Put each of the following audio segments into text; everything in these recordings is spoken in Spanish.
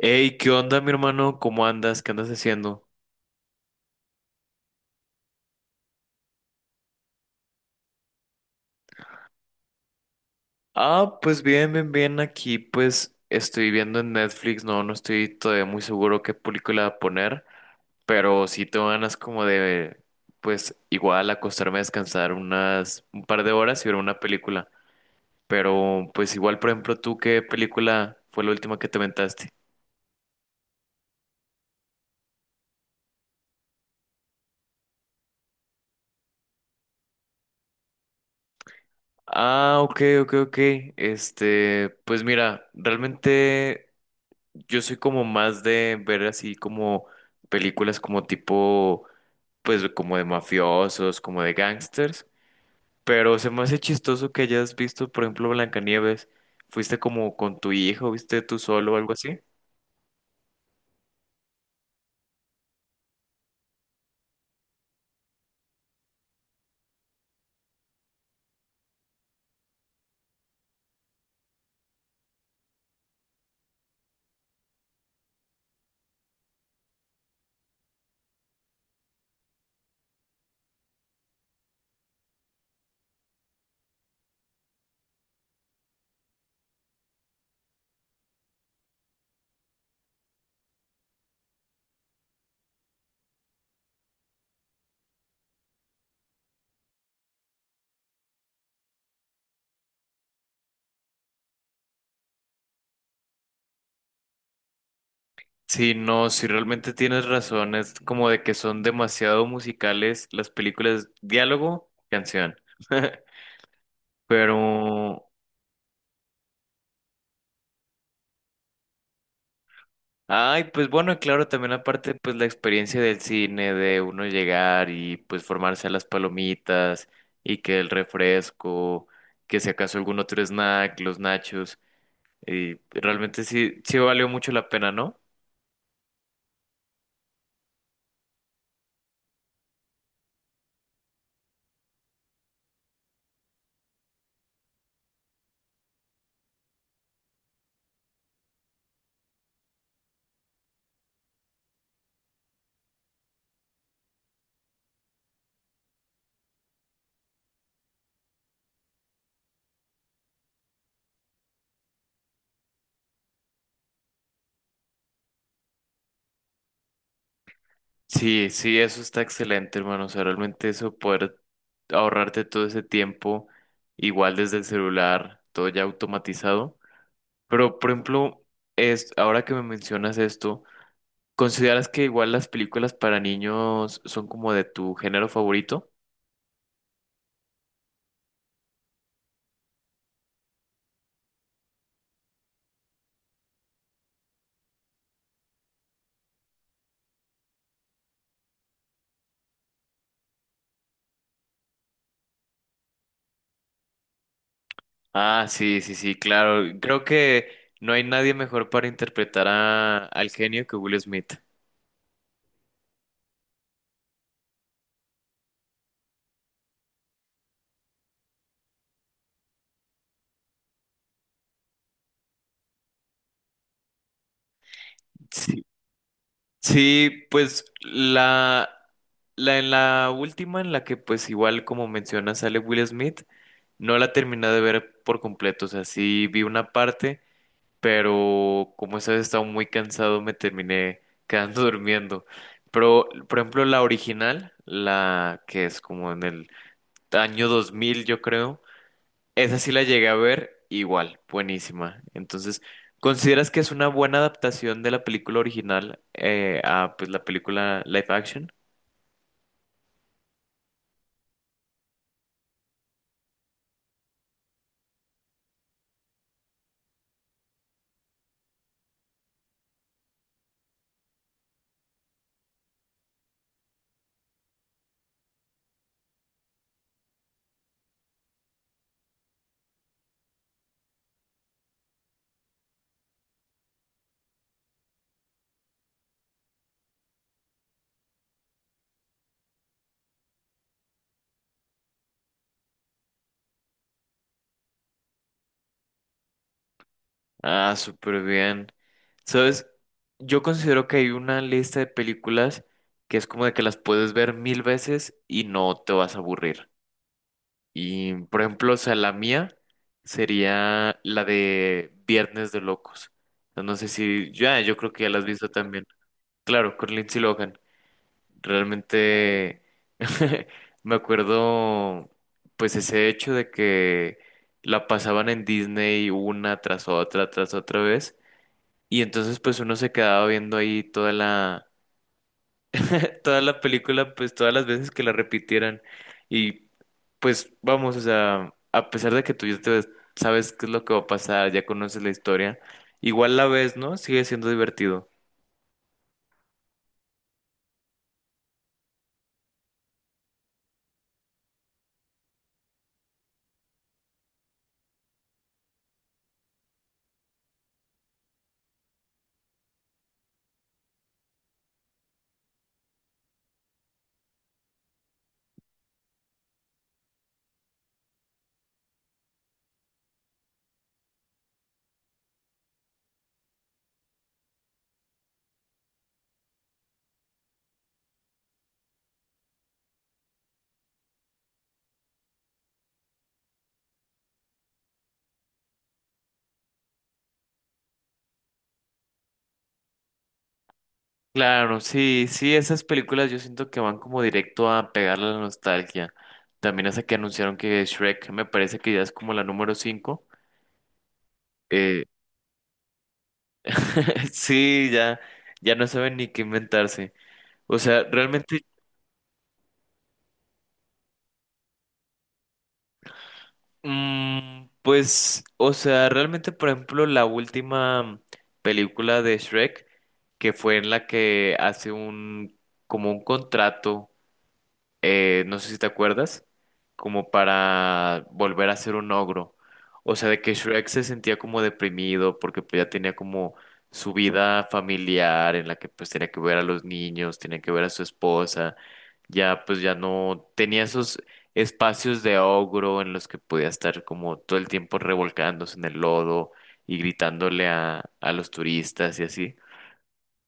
Hey, ¿qué onda, mi hermano? ¿Cómo andas? ¿Qué andas haciendo? Ah, pues bien, bien, bien. Aquí, pues estoy viendo en Netflix. No, no estoy todavía muy seguro qué película poner, pero sí tengo ganas como de, pues igual acostarme a descansar unas un par de horas y ver una película. Pero, pues igual, por ejemplo, ¿tú qué película fue la última que te aventaste? Ah, ok, ok, ok. Pues mira, realmente. Yo soy como más de ver así como películas como tipo, pues como de mafiosos, como de gangsters, pero se me hace chistoso que hayas visto, por ejemplo, Blancanieves. ¿Fuiste como con tu hijo, viste tú solo o algo así? Sí, no, si realmente tienes razón, es como de que son demasiado musicales las películas, diálogo, canción. Pero Ay, pues bueno, y claro, también aparte, pues la experiencia del cine, de uno llegar y pues formarse a las palomitas y que el refresco, que si acaso algún otro snack, los nachos, y realmente sí, sí valió mucho la pena, ¿no? Sí, sí, eso está excelente, hermano. O sea, realmente eso poder ahorrarte todo ese tiempo, igual desde el celular, todo ya automatizado. Pero, por ejemplo, ahora que me mencionas esto, ¿consideras que igual las películas para niños son como de tu género favorito? Ah, sí, sí, sí, claro. Creo que no hay nadie mejor para interpretar al genio que Will Smith. Sí. Sí, pues la en la última en la que pues igual como mencionas sale Will Smith, no la terminé de ver por completo, o sea, sí vi una parte. Pero como esa vez estaba muy cansado me terminé quedando durmiendo. Pero, por ejemplo, la original, la que es como en el año 2000 yo creo, esa sí la llegué a ver igual, buenísima. Entonces, ¿consideras que es una buena adaptación de la película original, a pues, la película live action? Ah, súper bien. ¿Sabes? Yo considero que hay una lista de películas que es como de que las puedes ver mil veces y no te vas a aburrir. Y, por ejemplo, o sea, la mía sería la de Viernes de Locos. No sé si ya, yo creo que ya la has visto también. Claro, con Lindsay Lohan. Realmente me acuerdo, pues, ese hecho de que la pasaban en Disney una tras otra vez. Y entonces, pues, uno se quedaba viendo ahí toda la toda la película, pues todas las veces que la repitieran. Y pues vamos, o sea, a pesar de que tú ya sabes qué es lo que va a pasar, ya conoces la historia, igual la ves, ¿no? Sigue siendo divertido. Claro, sí, sí, esas películas yo siento que van como directo a pegarle a la nostalgia. También hasta que anunciaron que Shrek me parece que ya es como la número 5. Eh, sí, ya, ya no saben ni qué inventarse. O sea, realmente, pues, o sea, realmente, por ejemplo, la última película de Shrek, que fue en la que hace como un contrato, no sé si te acuerdas, como para volver a ser un ogro. O sea, de que Shrek se sentía como deprimido porque pues, ya tenía como su vida familiar en la que pues tenía que ver a los niños, tenía que ver a su esposa, ya pues ya no tenía esos espacios de ogro en los que podía estar como todo el tiempo revolcándose en el lodo y gritándole a los turistas y así.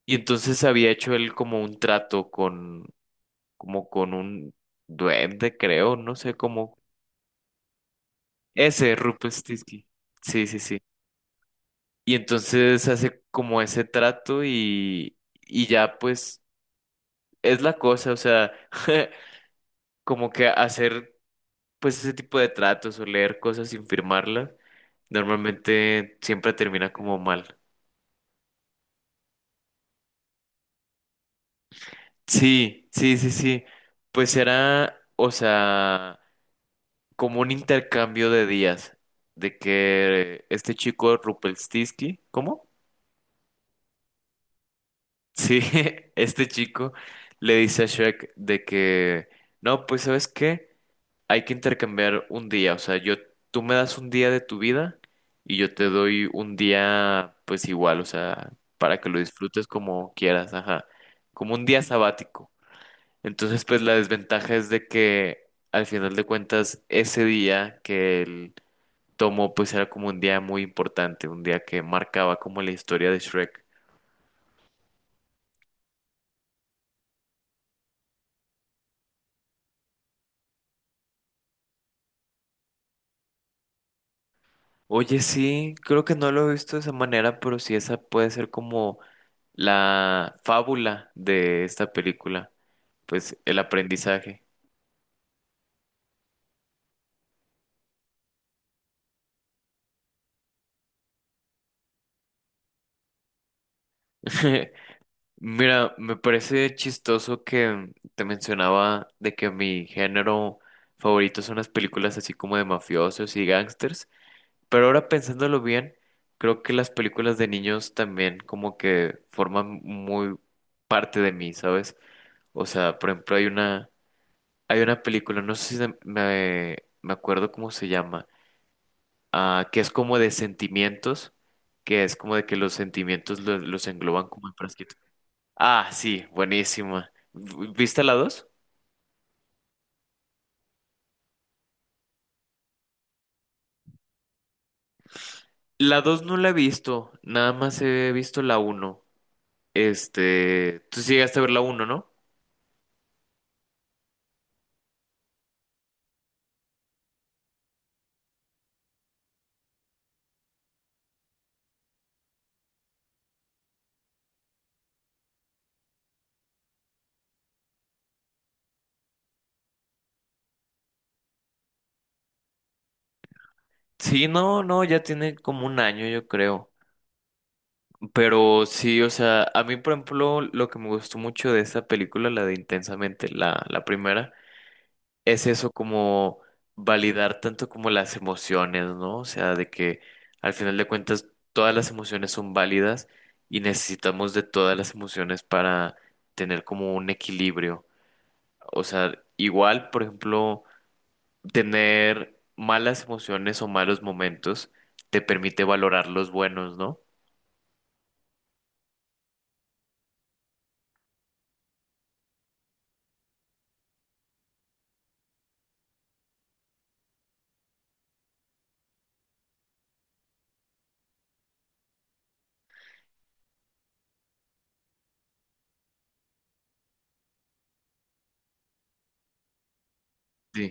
Y entonces había hecho él como un trato con, como con un duende, creo, no sé cómo. Ese, Rupert Stisky. Sí, sí, sí. Y entonces hace como ese trato y ya pues es la cosa, o sea, como que hacer pues ese tipo de tratos o leer cosas sin firmarlas, normalmente siempre termina como mal. Sí, sí, sí, sí. Pues era, o sea, como un intercambio de días, de que este chico Rupert, ¿cómo? Sí, este chico le dice a Shrek de que, no, pues ¿sabes qué? Hay que intercambiar un día, o sea, yo, tú me das un día de tu vida y yo te doy un día, pues igual, o sea, para que lo disfrutes como quieras, ajá, como un día sabático. Entonces, pues la desventaja es de que al final de cuentas, ese día que él tomó, pues era como un día muy importante, un día que marcaba como la historia de Shrek. Oye, sí, creo que no lo he visto de esa manera, pero sí esa puede ser como la fábula de esta película, pues el aprendizaje. Mira, me parece chistoso que te mencionaba de que mi género favorito son las películas así como de mafiosos y gángsters, pero ahora pensándolo bien, creo que las películas de niños también como que forman muy parte de mí, ¿sabes? O sea, por ejemplo, hay una película, no sé si me acuerdo cómo se llama, que es como de sentimientos, que es como de que los sentimientos los engloban como en frasquito. Ah, sí, buenísima. ¿Viste la 2? La 2 no la he visto, nada más he visto la 1. Tú sí llegaste a ver la 1, ¿no? Sí, no, no, ya tiene como un año, yo creo. Pero sí, o sea, a mí, por ejemplo, lo que me gustó mucho de esa película, la de Intensamente, la primera, es eso como validar tanto como las emociones, ¿no? O sea, de que al final de cuentas todas las emociones son válidas y necesitamos de todas las emociones para tener como un equilibrio. O sea, igual, por ejemplo, tener malas emociones o malos momentos te permite valorar los buenos, ¿no? Sí.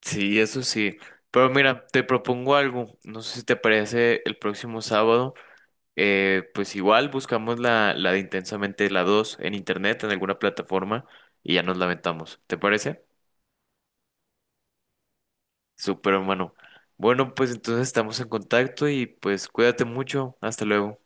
Sí, eso sí. Pero mira, te propongo algo. No sé si te parece el próximo sábado. Pues igual buscamos la de Intensamente la 2 en internet, en alguna plataforma, y ya nos lamentamos. ¿Te parece? Súper, hermano. Bueno, pues entonces estamos en contacto y pues cuídate mucho. Hasta luego.